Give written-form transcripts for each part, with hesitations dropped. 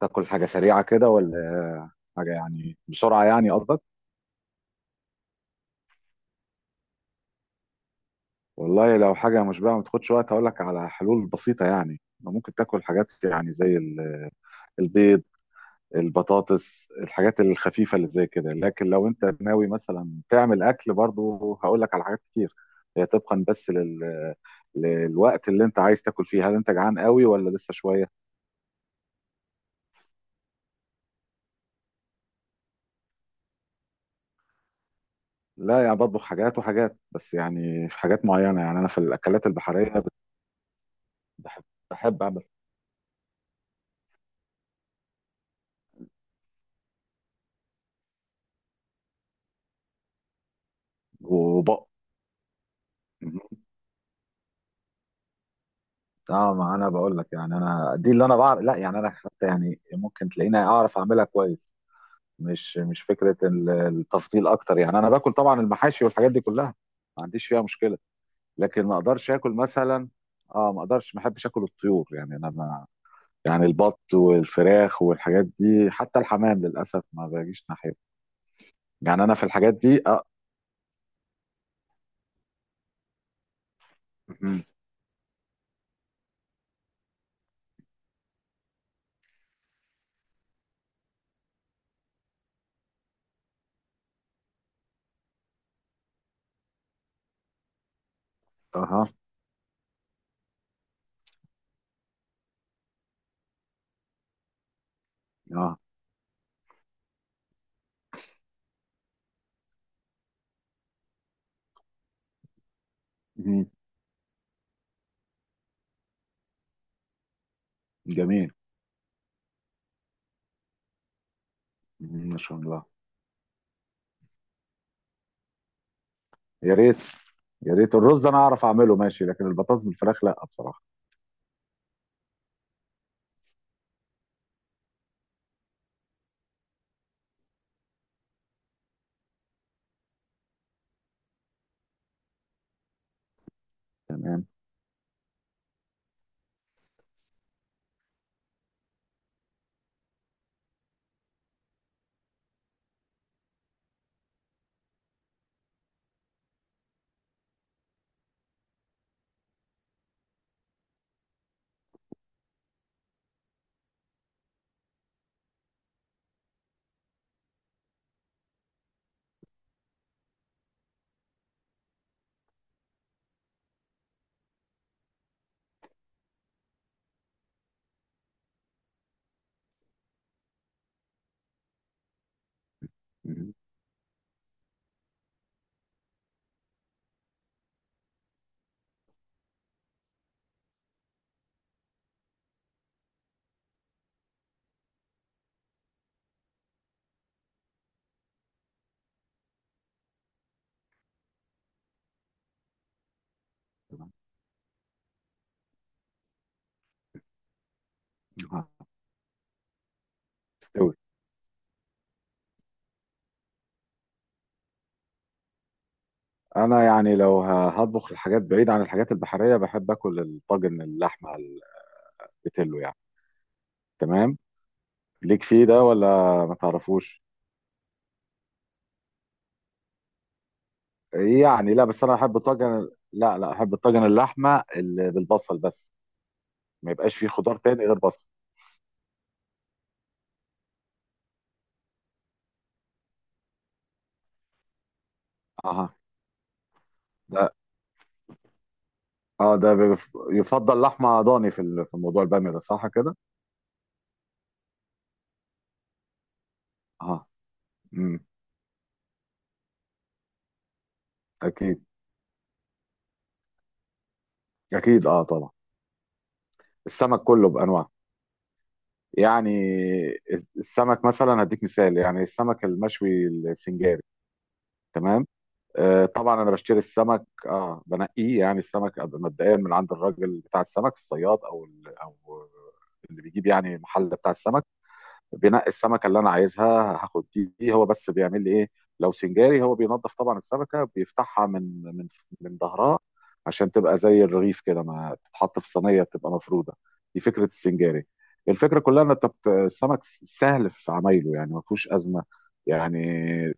تاكل حاجة سريعة كده ولا حاجة، يعني بسرعة يعني قصدك؟ والله لو حاجة مشبعة ما تاخدش وقت هقول لك على حلول بسيطة، يعني ممكن تاكل حاجات يعني البيض، البطاطس، الحاجات الخفيفة اللي زي كده. لكن لو انت ناوي مثلا تعمل اكل، برضو هقول لك على حاجات كتير. هي طبقا للوقت اللي انت عايز تاكل فيه. هل انت جعان قوي ولا لسه شوية؟ لا يعني بطبخ حاجات وحاجات، بس يعني في حاجات معينة، يعني انا في الاكلات البحرية بحب بحب اعمل وب- اه. ما انا بقول لك، يعني انا دي اللي انا بعرف، لا يعني انا حتى يعني ممكن تلاقيني اعرف اعملها كويس. مش فكره التفضيل اكتر، يعني انا باكل طبعا المحاشي والحاجات دي كلها، ما عنديش فيها مشكله. لكن ما اقدرش اكل مثلا، اه ما اقدرش، ما احبش اكل الطيور. يعني انا ما يعني البط والفراخ والحاجات دي، حتى الحمام للاسف ما باجيش ناحيه. يعني انا في الحاجات دي اه. مهم. اها. اه. مهم. جميل. مهم. ما شاء الله. يا ريت. يا ريت الرز انا اعرف اعمله ماشي، لكن البطاطس بالفراخ لا بصراحه. تمام. مم. تمام. آه، استوي. انا يعني لو هطبخ الحاجات بعيد عن الحاجات البحريه، بحب اكل الطاجن اللحمه، البتلو يعني. تمام. ليك فيه ده ولا ما تعرفوش؟ يعني لا، بس انا احب الطاجن، لا لا، احب الطاجن اللحمه اللي بالبصل بس، ما يبقاش فيه خضار تاني غير بصل. اها. ده اه، ده يفضل لحمه ضاني في في موضوع الباميه ده، صح كده؟ اه. امم اكيد، اكيد اه طبعا. السمك كله بانواعه. يعني السمك مثلا هديك مثال، يعني السمك المشوي السنجاري. تمام. آه طبعا انا بشتري السمك، اه بنقيه يعني السمك مبدئيا من عند الراجل بتاع السمك، الصياد، او او اللي بيجيب يعني المحل بتاع السمك. بنقي السمكه اللي انا عايزها. هاخد دي. هو بس بيعمل لي ايه؟ لو سنجاري، هو بينظف طبعا السمكه، بيفتحها من ظهرها، عشان تبقى زي الرغيف كده، ما تتحط في صينيه تبقى مفروده. دي فكره السنجاري. الفكره كلها ان السمك سهل في عمايله، يعني ما فيهوش ازمه. يعني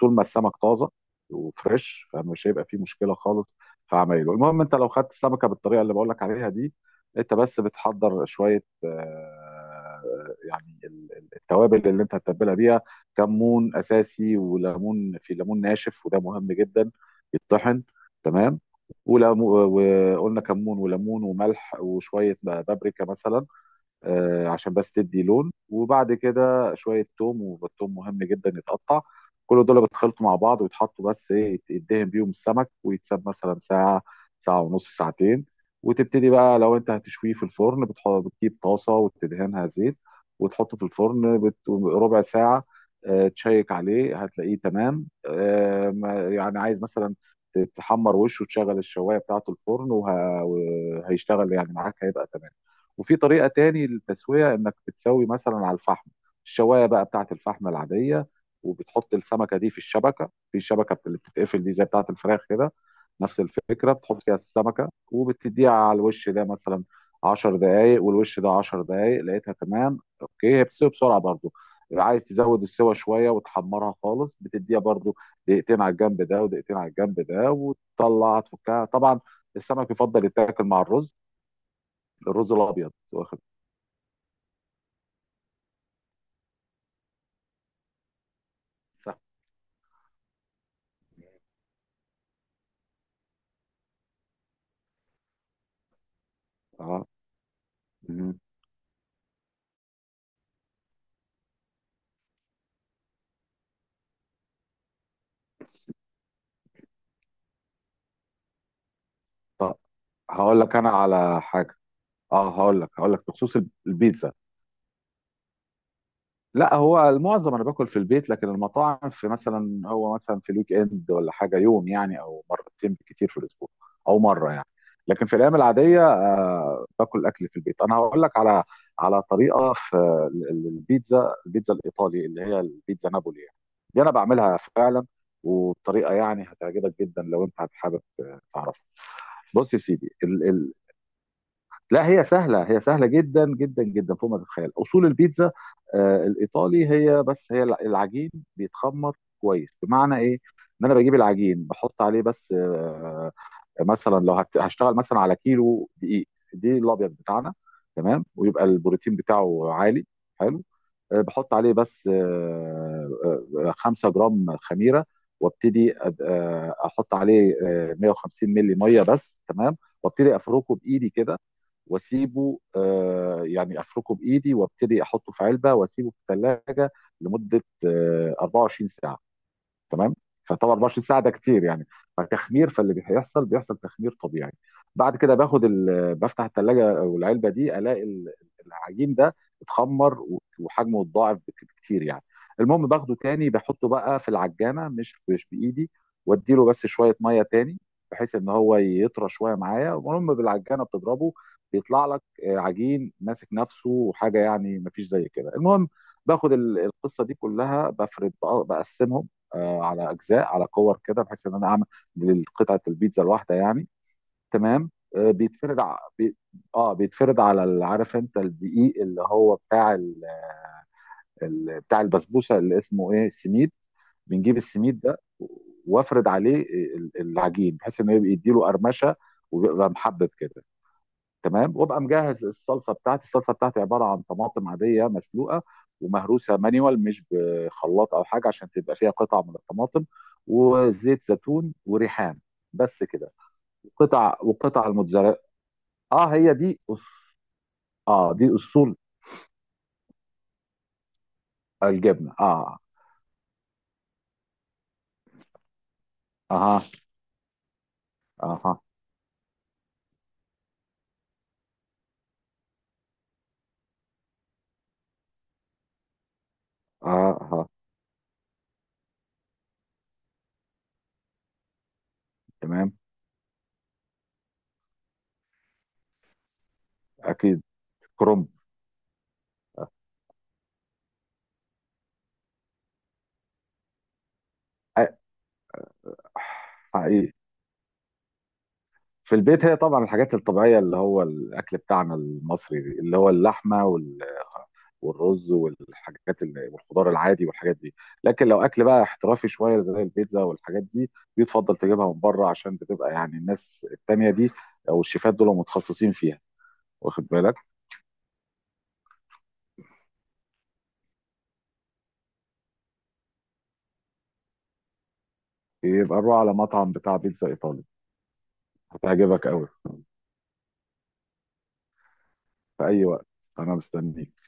طول ما السمك طازه وفريش، فمش هيبقى فيه مشكله خالص في عمايله. المهم انت لو خدت السمكه بالطريقه اللي بقول لك عليها دي، انت بس بتحضر شويه يعني التوابل اللي انت هتتبلها بيها. كمون اساسي وليمون، في ليمون ناشف وده مهم جدا، يتطحن. تمام. وقلنا كمون وليمون وملح وشويه بابريكا مثلا، عشان بس تدي لون. وبعد كده شوية توم، والثوم مهم جدا يتقطع. كل دول بيتخلطوا مع بعض ويتحطوا، بس ايه، يدهن بيهم السمك، ويتساب مثلا ساعة، ساعة ونص، ساعتين. وتبتدي بقى لو انت هتشويه في الفرن، بتجيب طاسة وتدهنها زيت، وتحطه في الفرن ربع ساعة. تشيك عليه هتلاقيه تمام. يعني عايز مثلا تحمر وشه، وتشغل الشواية بتاعته الفرن، وهيشتغل يعني معاك، هيبقى تمام. وفي طريقة تاني للتسوية، انك بتسوي مثلا على الفحم، الشواية بقى بتاعت الفحم العادية، وبتحط السمكة دي في الشبكة، في شبكة اللي بتتقفل دي زي بتاعت الفراخ كده. نفس الفكرة، بتحط فيها السمكة وبتديها على الوش ده مثلا 10 دقايق، والوش ده 10 دقايق، لقيتها تمام اوكي. هي بتستوي بسرعة برضو. عايز تزود السوا شوية وتحمرها خالص، بتديها برضو دقيقتين على الجنب ده ودقيقتين على الجنب ده، وتطلع تفكها طبعا. السمك يفضل يتاكل مع الرز، الرز الابيض، واخد. صح. اه. مم. طب هقول لك انا على حاجه، اه هقول لك، هقول لك بخصوص البيتزا. لا هو المعظم انا باكل في البيت، لكن المطاعم في مثلا، هو مثلا في الويك اند ولا حاجه، يوم يعني او مرتين بالكتير في الاسبوع، او مره يعني. لكن في الايام العاديه آه باكل اكل في البيت. انا هقول لك على على طريقه في البيتزا، البيتزا الايطالي اللي هي البيتزا نابولي يعني، دي انا بعملها فعلا، وبطريقه يعني هتعجبك جدا لو انت حابب تعرفها. بص يا سيدي، لا هي سهلة، هي سهلة جدا جدا جدا، فوق ما تتخيل. أصول البيتزا الإيطالي، هي بس هي العجين بيتخمر كويس. بمعنى إيه؟ إن أنا بجيب العجين، بحط عليه بس مثلا لو هشتغل مثلا على كيلو دقيق، دي الأبيض بتاعنا، تمام، ويبقى البروتين بتاعه عالي. حلو. بحط عليه بس 5 جرام خميرة، وابتدي احط عليه 150 ملي ميه بس. تمام. وابتدي افركه بايدي كده، واسيبه يعني افركه بايدي، وابتدي احطه في علبه، واسيبه في الثلاجه لمده 24 ساعه. تمام. فطبعا 24 ساعه ده كتير يعني، فتخمير، فاللي بيحصل تخمير طبيعي. بعد كده باخد بفتح الثلاجه او العلبه دي، الاقي العجين ده اتخمر وحجمه اتضاعف بكتير يعني. المهم باخده تاني بحطه بقى في العجانه، مش بايدي، واديله بس شويه ميه تاني، بحيث ان هو يطرى شويه معايا. المهم بالعجانه بتضربه، بيطلع لك عجين ماسك نفسه وحاجه يعني، مفيش زي كده. المهم باخد القصه دي كلها، بفرد بقسمهم على اجزاء على كور كده، بحيث ان انا اعمل قطعه البيتزا الواحده يعني. تمام. آه، بيتفرد ع... بي... اه بيتفرد على عارف انت الدقيق اللي هو بتاع بتاع البسبوسه اللي اسمه ايه، السميد. بنجيب السميد ده، وافرد عليه العجين، بحيث انه يبقى يديله قرمشه، وبيبقى محبب كده. تمام. وابقى مجهز الصلصه بتاعتي. الصلصه بتاعتي عباره عن طماطم عاديه مسلوقه ومهروسه مانيوال، مش بخلاط او حاجه، عشان تبقى فيها قطع من الطماطم، وزيت زيتون وريحان. بس كده. وقطع الموتزاريلا. اه هي دي اه دي اصول. الجبنه اه. اها. اها. اها. تمام. اكيد. كرنب. آه. حقيقي. في البيت هي طبعا الحاجات الطبيعية، اللي هو الأكل بتاعنا المصري، اللي هو اللحمة والرز والحاجات والخضار العادي والحاجات دي. لكن لو أكل بقى احترافي شوية زي البيتزا والحاجات دي، بيتفضل تجيبها من بره، عشان بتبقى يعني الناس التانية دي أو الشيفات دول متخصصين فيها، واخد بالك. يبقى روح على مطعم بتاع بيتزا إيطالي، هتعجبك قوي. في أي وقت. أنا مستنيك.